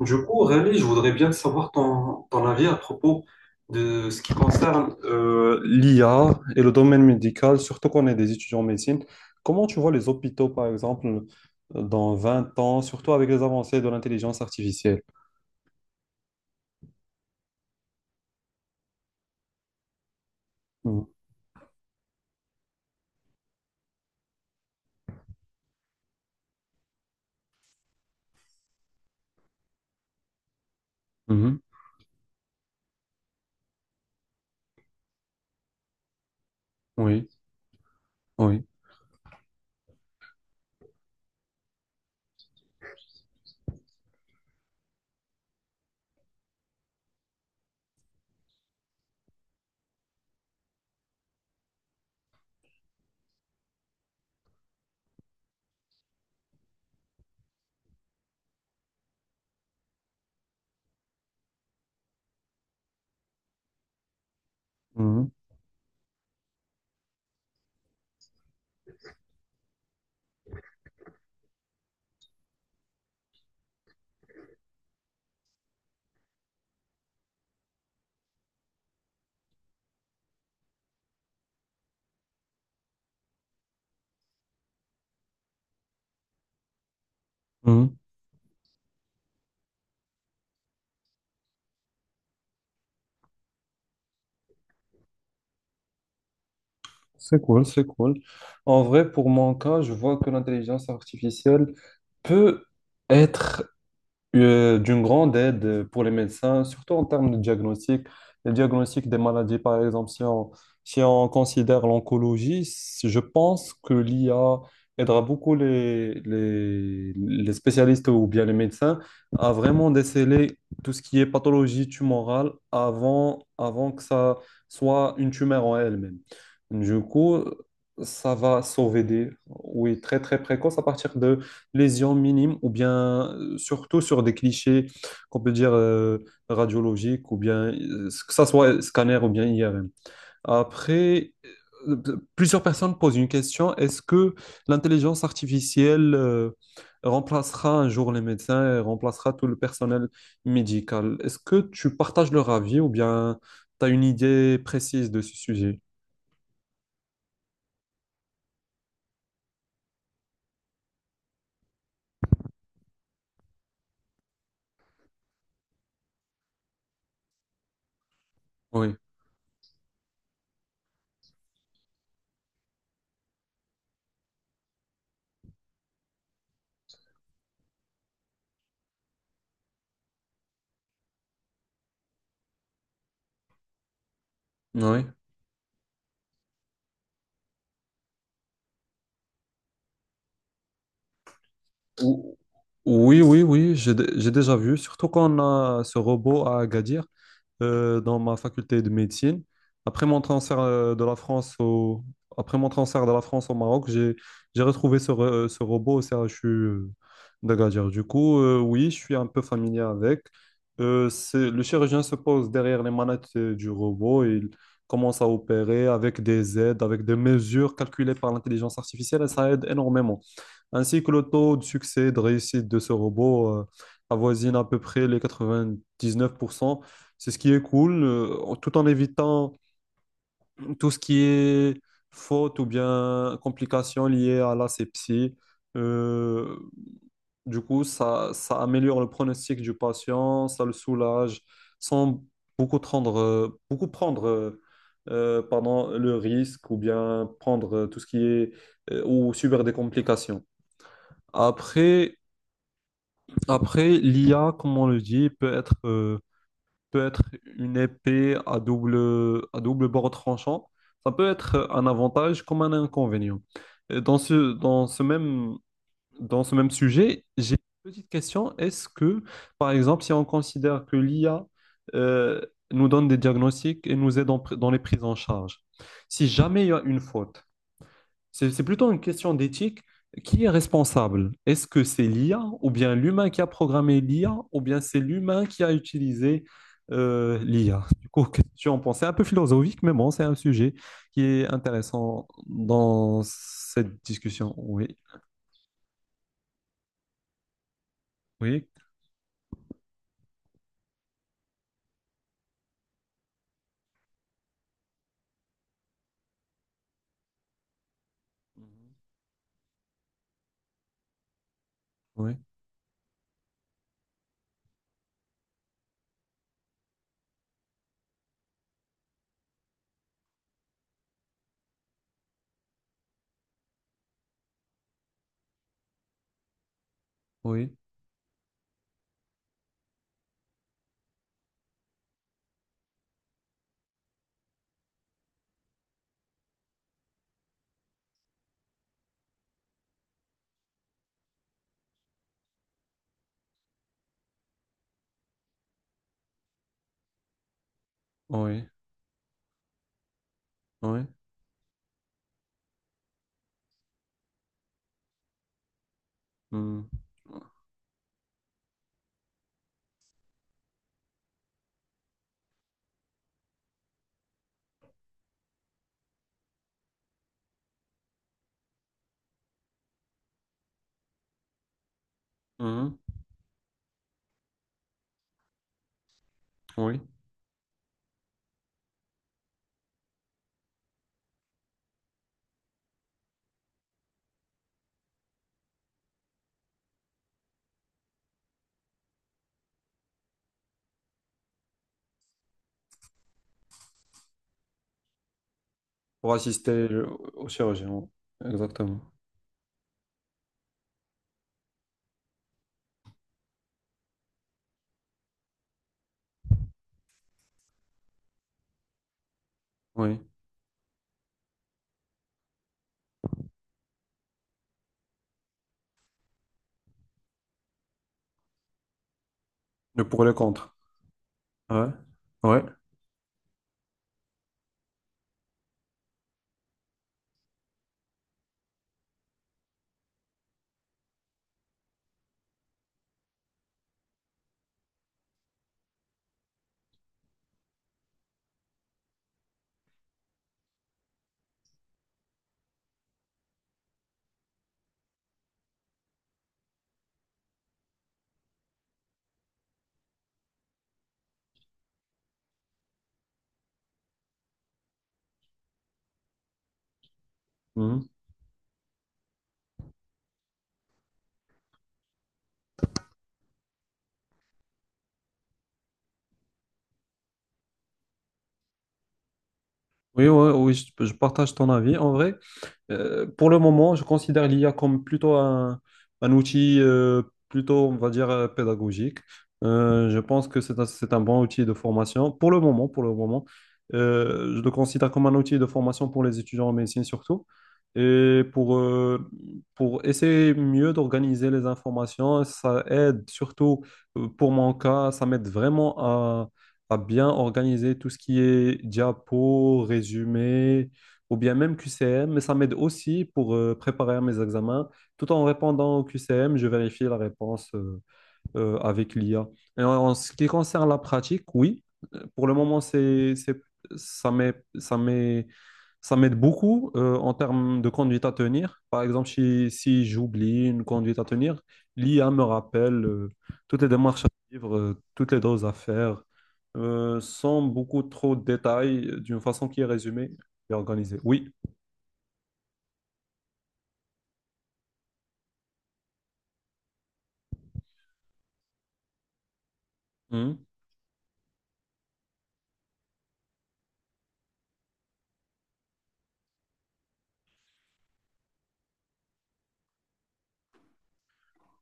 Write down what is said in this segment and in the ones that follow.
Du coup, Aurélie, je voudrais bien savoir ton avis à propos de ce qui concerne l'IA et le domaine médical, surtout qu'on est des étudiants en médecine. Comment tu vois les hôpitaux, par exemple, dans 20 ans, surtout avec les avancées de l'intelligence artificielle? Mhm. Mhm. Oui, oui. Mhm. Mhm. C'est cool, c'est cool. En vrai, pour mon cas, je vois que l'intelligence artificielle peut être d'une grande aide pour les médecins, surtout en termes de diagnostic. Le diagnostic des maladies, par exemple, si on considère l'oncologie, je pense que l'IA aidera beaucoup les spécialistes ou bien les médecins à vraiment déceler tout ce qui est pathologie tumorale avant que ça soit une tumeur en elle-même. Du coup, ça va sauver des... Oui, très très précoce à partir lésions minimes ou bien surtout sur des clichés qu'on peut dire radiologiques ou bien que ça soit scanner ou bien IRM. Après, euh, plusieurs personnes posent une question, est-ce que l'intelligence artificielle remplacera un jour les médecins et remplacera tout le personnel médical? Est-ce que tu partages leur avis ou bien tu as une idée précise de ce sujet? Oui, oui. Ou- Oui, oui, oui, j'ai déjà vu, surtout quand on a ce robot à Agadir dans ma faculté de médecine. Après mon transfert de la France au, après mon transfert de la France au Maroc, j'ai retrouvé ce robot au CHU d'Agadir. Du coup, oui, je suis un peu familier avec. Le chirurgien se pose derrière les manettes du robot et il commence à opérer avec des aides, avec des mesures calculées par l'intelligence artificielle et ça aide énormément. Ainsi que le taux de succès, de réussite de ce robot avoisine à peu près les 99%. C'est ce qui est cool, tout en évitant tout ce qui est faute ou bien complications liées à l'asepsie. Euh, du coup, ça améliore le pronostic du patient, ça le soulage, sans beaucoup prendre pardon, le risque ou bien prendre tout ce qui est ou subir des complications. Après, Après, l'IA, comme on le dit, peut être une épée à double bord tranchant. Ça peut être un avantage comme un inconvénient. Et dans ce même sujet, j'ai une petite question. Par exemple, si on considère que l'IA, euh, nous donne des diagnostics et nous aide dans les prises en charge, si jamais il y a une faute, c'est plutôt une question d'éthique. Qui est responsable? Est-ce que c'est l'IA ou bien l'humain qui a programmé l'IA ou bien c'est l'humain qui a utilisé l'IA? Du coup, question pensée un peu philosophique, mais bon, c'est un sujet qui est intéressant dans cette discussion. Oui, oui, oui, oui, oui, oui. Hmm. Mhm, oui, pour assister le- au chirurgien, exactement. Oui, le pour et le contre. Ouais, ouais. Mmh. Oui, ouais, oui, je partage ton avis. En vrai, pour le moment, je considère l'IA comme un outil, plutôt, on va dire, pédagogique. Je pense que c'est un bon outil de formation. Pour le moment, je le considère comme un outil de formation pour les étudiants en médecine surtout. Et pour essayer mieux d'organiser les informations, ça aide surtout pour mon cas, ça m'aide vraiment à bien organiser tout ce qui est diapo, résumé ou bien même QCM, mais ça m'aide aussi pour préparer mes examens. Tout en répondant au QCM, je vérifie la réponse. Avec l'IA. Et en ce qui concerne la pratique, oui, pour le moment, ça m'aide, ça m'aide beaucoup en termes de conduite à tenir. Par exemple, si j'oublie une conduite à tenir, l'IA me rappelle toutes les démarches à suivre, toutes les doses à faire, sans beaucoup trop de détails, d'une façon qui est résumée et organisée. Oui. Mhm.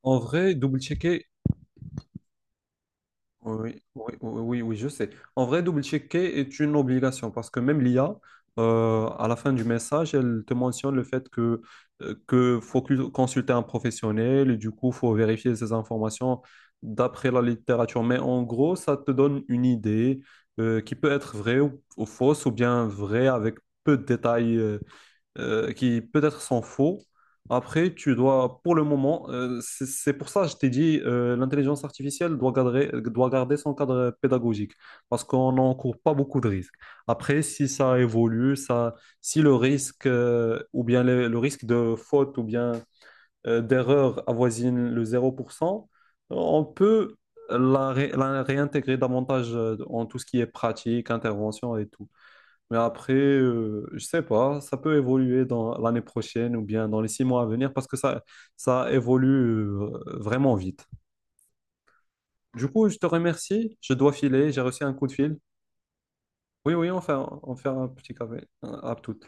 En vrai, double-checker. Oui, oui, oui, oui, oui, je sais. En vrai, double-checker est une obligation parce que même l'IA, à la fin du message, elle te mentionne le fait que consulter un professionnel et du coup, faut vérifier ces informations d'après la littérature. Mais en gros, ça te donne une idée, qui peut être vraie ou fausse ou bien vraie avec peu de détails, qui peut-être sont faux. Après, tu dois, pour le moment, c'est pour ça que je t'ai dit, l'intelligence artificielle doit garder son cadre pédagogique, parce qu'on n'encourt pas beaucoup de risques. Après, si ça évolue, ça, si le risque, ou bien le risque de faute ou bien d'erreur avoisine le 0%, on peut la réintégrer davantage en tout ce qui est pratique, intervention et tout. Mais après, je sais pas, ça peut évoluer dans l'année prochaine ou bien dans les 6 mois à venir parce que ça évolue euh, vraiment vite. Du coup, je te remercie. Je dois filer. J'ai reçu un coup de fil. Oui, oui, on fait un petit café. À toutes.